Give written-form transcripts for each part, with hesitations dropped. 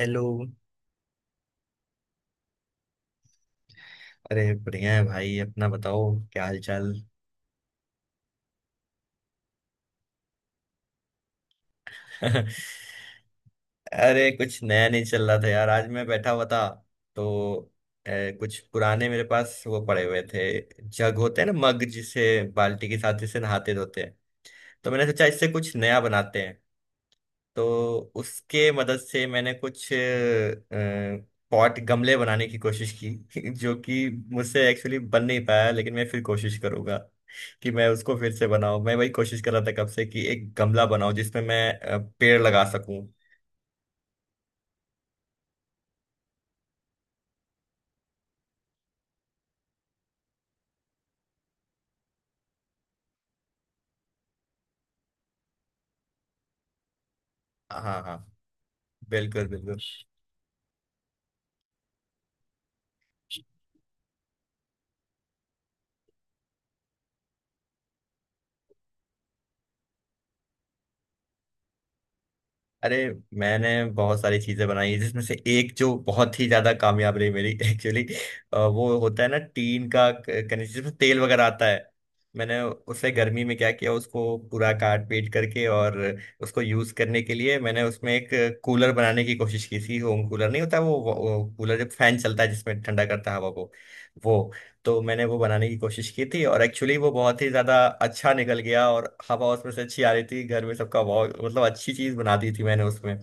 Hello. अरे बढ़िया है भाई, अपना बताओ, क्या हाल चाल। अरे कुछ नया नहीं चल रहा था यार। आज मैं बैठा हुआ था, तो अ, कुछ पुराने मेरे पास वो पड़े हुए थे। जग होते हैं ना, मग जिसे बाल्टी के साथ जिसे नहाते धोते हैं। तो मैंने सोचा इससे कुछ नया बनाते हैं। तो उसके मदद से मैंने कुछ पॉट गमले बनाने की कोशिश की। जो कि मुझसे एक्चुअली बन नहीं पाया, लेकिन मैं फिर कोशिश करूंगा कि मैं उसको फिर से बनाऊं। मैं वही कोशिश कर रहा था कब से कि एक गमला बनाऊं जिसमें मैं पेड़ लगा सकूं। हाँ हाँ हाँ। बिल्कुल बिल्कुल। अरे मैंने बहुत सारी चीजें बनाई हैं, जिसमें से एक जो बहुत ही ज्यादा कामयाब रही मेरी एक्चुअली, वो होता है ना टीन का कनेक्शन जिसमें तेल वगैरह आता है। मैंने उसे गर्मी में क्या किया, उसको पूरा काट पीट करके और उसको यूज करने के लिए मैंने उसमें एक कूलर बनाने की कोशिश की थी। होम कूलर नहीं होता वो, वो कूलर जब फैन चलता है जिसमें ठंडा करता है हवा को, वो। तो मैंने वो बनाने की कोशिश की थी और एक्चुअली वो बहुत ही ज्यादा अच्छा निकल गया और हवा उसमें से अच्छी आ रही थी। घर में सबका बहुत, मतलब अच्छी चीज बना दी थी मैंने उसमें।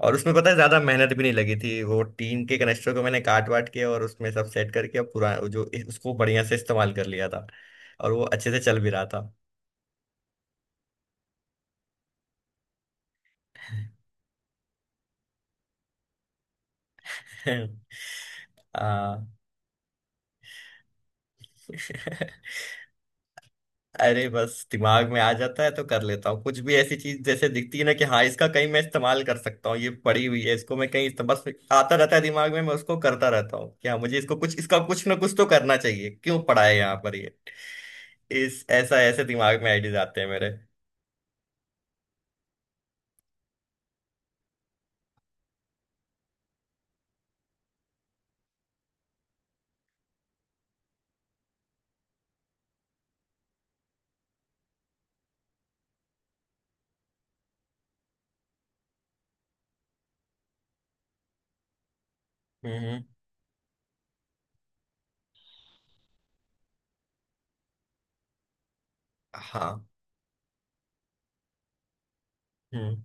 और उसमें पता है ज्यादा मेहनत भी नहीं लगी थी। वो टीन के कनेक्टर को मैंने काट वाट के और उसमें सब सेट करके अब पूरा जो उसको बढ़िया से इस्तेमाल कर लिया था और वो अच्छे से चल भी रहा था। आ, अरे बस दिमाग में आ जाता है तो कर लेता हूँ। कुछ भी ऐसी चीज जैसे दिखती है ना कि हाँ, इसका कहीं मैं इस्तेमाल कर सकता हूँ, ये पड़ी हुई है, इसको मैं कहीं बस आता रहता है दिमाग में। मैं उसको करता रहता हूँ कि हाँ, मुझे इसको कुछ, इसका कुछ ना कुछ तो करना चाहिए, क्यों पड़ा है यहाँ पर ये। इस ऐसा ऐसे दिमाग में आइडियाज आते हैं मेरे। हम्म। हाँ। हम्म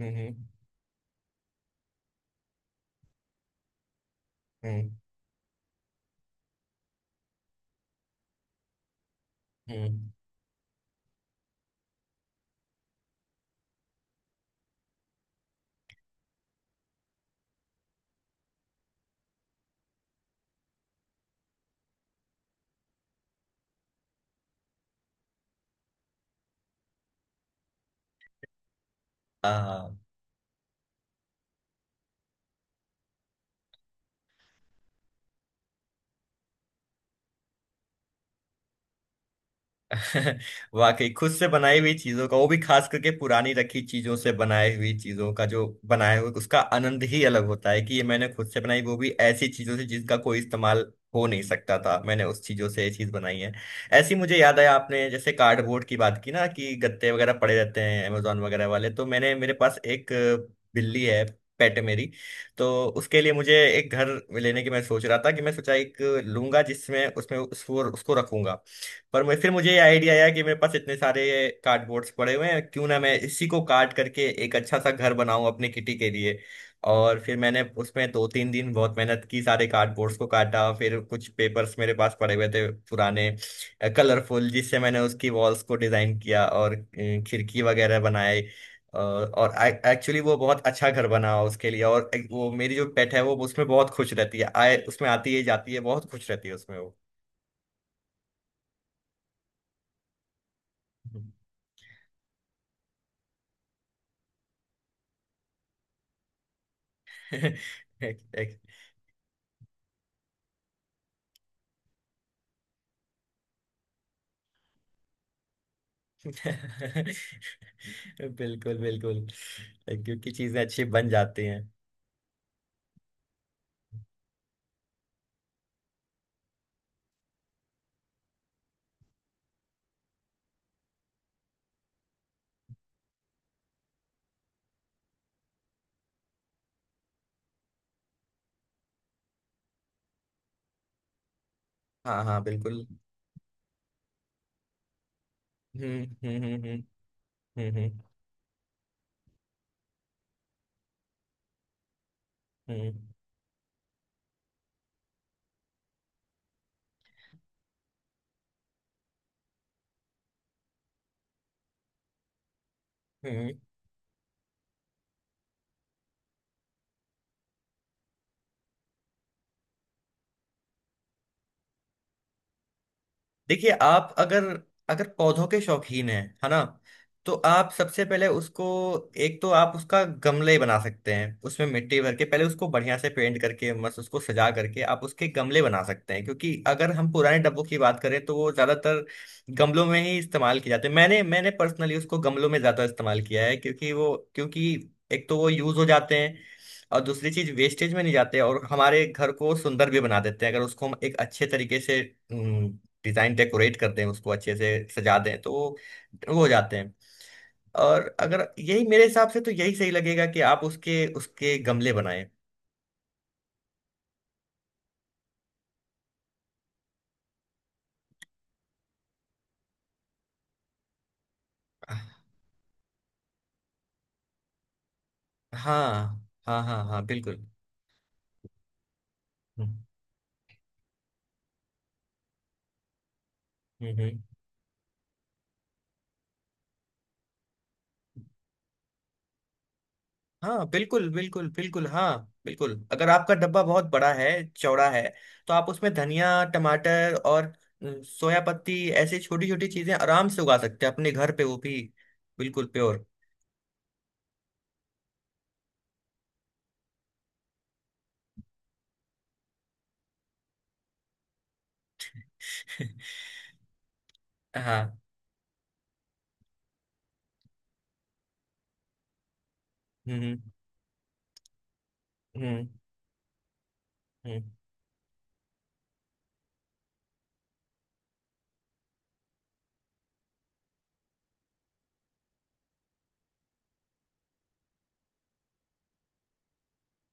हम्म। हम्म। हम्म, हाँ। वाकई खुद से बनाई हुई चीजों का, वो भी खास करके पुरानी रखी चीजों से बनाई हुई चीजों का, जो बनाया हुआ उसका आनंद ही अलग होता है कि ये मैंने खुद से बनाई, वो भी ऐसी चीजों से जिसका कोई इस्तेमाल हो नहीं सकता था। मैंने उस चीजों से ये चीज बनाई है। ऐसी, मुझे याद आया, आपने जैसे कार्डबोर्ड की बात की ना कि गत्ते वगैरह पड़े रहते हैं अमेजोन वगैरह वाले, तो मैंने, मेरे पास एक बिल्ली है, पेट मेरी। तो उसके लिए मुझे एक घर लेने की मैं सोच रहा था कि मैं सोचा एक लूंगा जिसमें उसमें उसको उसको रखूंगा। पर मैं फिर मुझे आइडिया आया कि मेरे पास इतने सारे कार्डबोर्ड्स पड़े हुए हैं, क्यों ना मैं इसी को काट करके एक अच्छा सा घर बनाऊं अपने किटी के लिए। और फिर मैंने उसमें दो तीन दिन बहुत मेहनत की, सारे कार्डबोर्ड्स को काटा, फिर कुछ पेपर्स मेरे पास पड़े हुए थे पुराने कलरफुल, जिससे मैंने उसकी वॉल्स को डिजाइन किया और खिड़की वगैरह बनाए। और एक्चुअली वो बहुत अच्छा घर बना उसके लिए। और एक वो मेरी जो पेट है वो उसमें बहुत खुश रहती है, आए उसमें आती है जाती है, बहुत खुश रहती है उसमें वो। बिल्कुल बिल्कुल। क्योंकि चीजें अच्छी बन जाती हैं। हाँ हाँ बिल्कुल। हम्म हम्म हम्म हम्म हम्म हम्म। हम्म, देखिए, आप अगर, अगर पौधों के शौकीन हैं, है ना, तो आप सबसे पहले उसको, एक तो आप उसका गमले बना सकते हैं उसमें मिट्टी भर के, पहले उसको बढ़िया से पेंट करके मस्त उसको सजा करके आप उसके गमले बना सकते हैं। क्योंकि अगर हम पुराने डब्बों की बात करें तो वो ज्यादातर गमलों में ही इस्तेमाल किए जाते हैं। मैंने मैंने पर्सनली उसको गमलों में ज्यादा इस्तेमाल किया है। क्योंकि वो, क्योंकि एक तो वो यूज हो जाते हैं, और दूसरी चीज वेस्टेज में नहीं जाते और हमारे घर को सुंदर भी बना देते हैं, अगर उसको हम एक अच्छे तरीके से डिजाइन डेकोरेट कर दें, उसको अच्छे से सजा दें, तो वो हो जाते हैं। और अगर यही, मेरे हिसाब से तो यही सही लगेगा कि आप उसके उसके गमले बनाएं। हाँ हाँ हाँ। हाँ बिल्कुल। हम्म हम्म। हम्म। हाँ बिल्कुल बिल्कुल बिल्कुल हाँ। बिल्कुल, अगर आपका डब्बा बहुत बड़ा है, चौड़ा है, तो आप उसमें धनिया, टमाटर और सोया पत्ती ऐसी छोटी छोटी चीजें आराम से उगा सकते हैं अपने घर पे, वो भी बिल्कुल प्योर। हाँ। हम्म हम्म हम्म।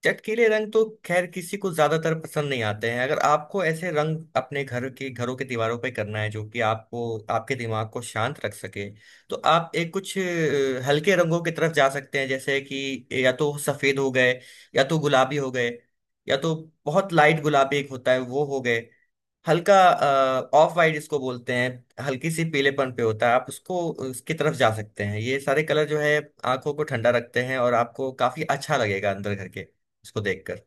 चटकीले रंग तो खैर किसी को ज्यादातर पसंद नहीं आते हैं। अगर आपको ऐसे रंग अपने घर के, घरों के दीवारों पे करना है जो कि आपको, आपके दिमाग को शांत रख सके, तो आप एक कुछ हल्के रंगों की तरफ जा सकते हैं। जैसे कि या तो सफेद हो गए, या तो गुलाबी हो गए, या तो बहुत लाइट गुलाबी एक होता है वो हो गए, हल्का ऑफ वाइट इसको बोलते हैं, हल्की सी पीलेपन पे होता है, आप उसको, उसकी तरफ जा सकते हैं। ये सारे कलर जो है आंखों को ठंडा रखते हैं और आपको काफी अच्छा लगेगा अंदर घर के इसको देखकर।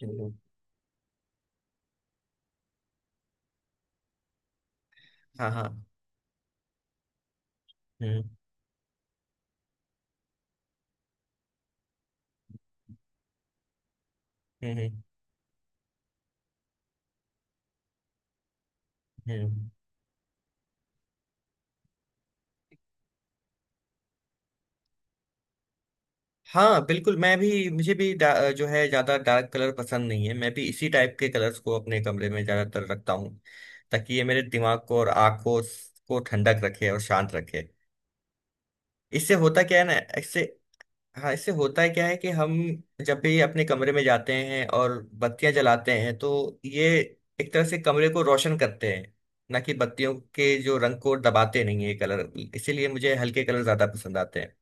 चलो, हाँ हाँ। हम्म हम्म हम्म। हम्म। हाँ बिल्कुल, मैं भी, मुझे भी जो है ज्यादा डार्क कलर पसंद नहीं है। मैं भी इसी टाइप के कलर्स को अपने कमरे में ज्यादातर रखता हूँ, ताकि ये मेरे दिमाग को और आंखों को ठंडक रखे और शांत रखे। इससे होता क्या है ना, इससे, हाँ, इससे होता है क्या है कि हम जब भी अपने कमरे में जाते हैं और बत्तियां जलाते हैं तो ये एक तरह से कमरे को रोशन करते हैं, ना कि बत्तियों के जो रंग को दबाते नहीं है कलर। इसीलिए मुझे हल्के कलर ज्यादा पसंद आते हैं।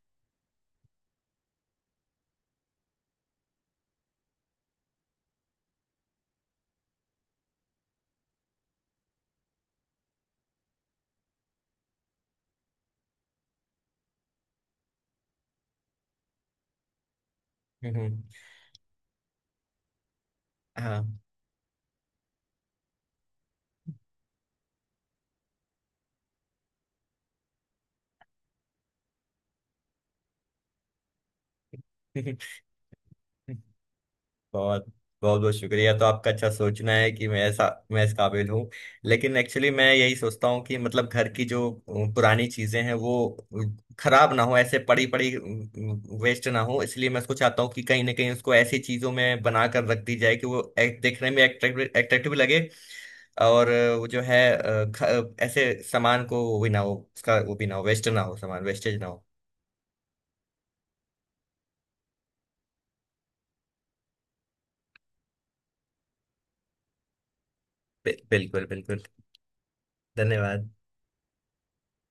हम्म, हाँ। बहुत बहुत बहुत शुक्रिया तो आपका, अच्छा सोचना है कि मैं ऐसा, मैं इस काबिल हूँ। लेकिन एक्चुअली मैं यही सोचता हूँ कि मतलब घर की जो पुरानी चीजें हैं वो खराब ना हो ऐसे पड़ी पड़ी, वेस्ट ना हो, इसलिए मैं उसको चाहता हूँ कि कहीं ना कहीं उसको ऐसी चीजों में बना कर रख दी जाए कि वो देखने में एट्रैक्टिव एट्रैक्टिव लगे। और वो जो है, ऐसे सामान को वो भी ना हो, उसका वो भी ना हो, वेस्ट ना हो, सामान वेस्टेज ना हो। बिल्कुल बिल्कुल। धन्यवाद।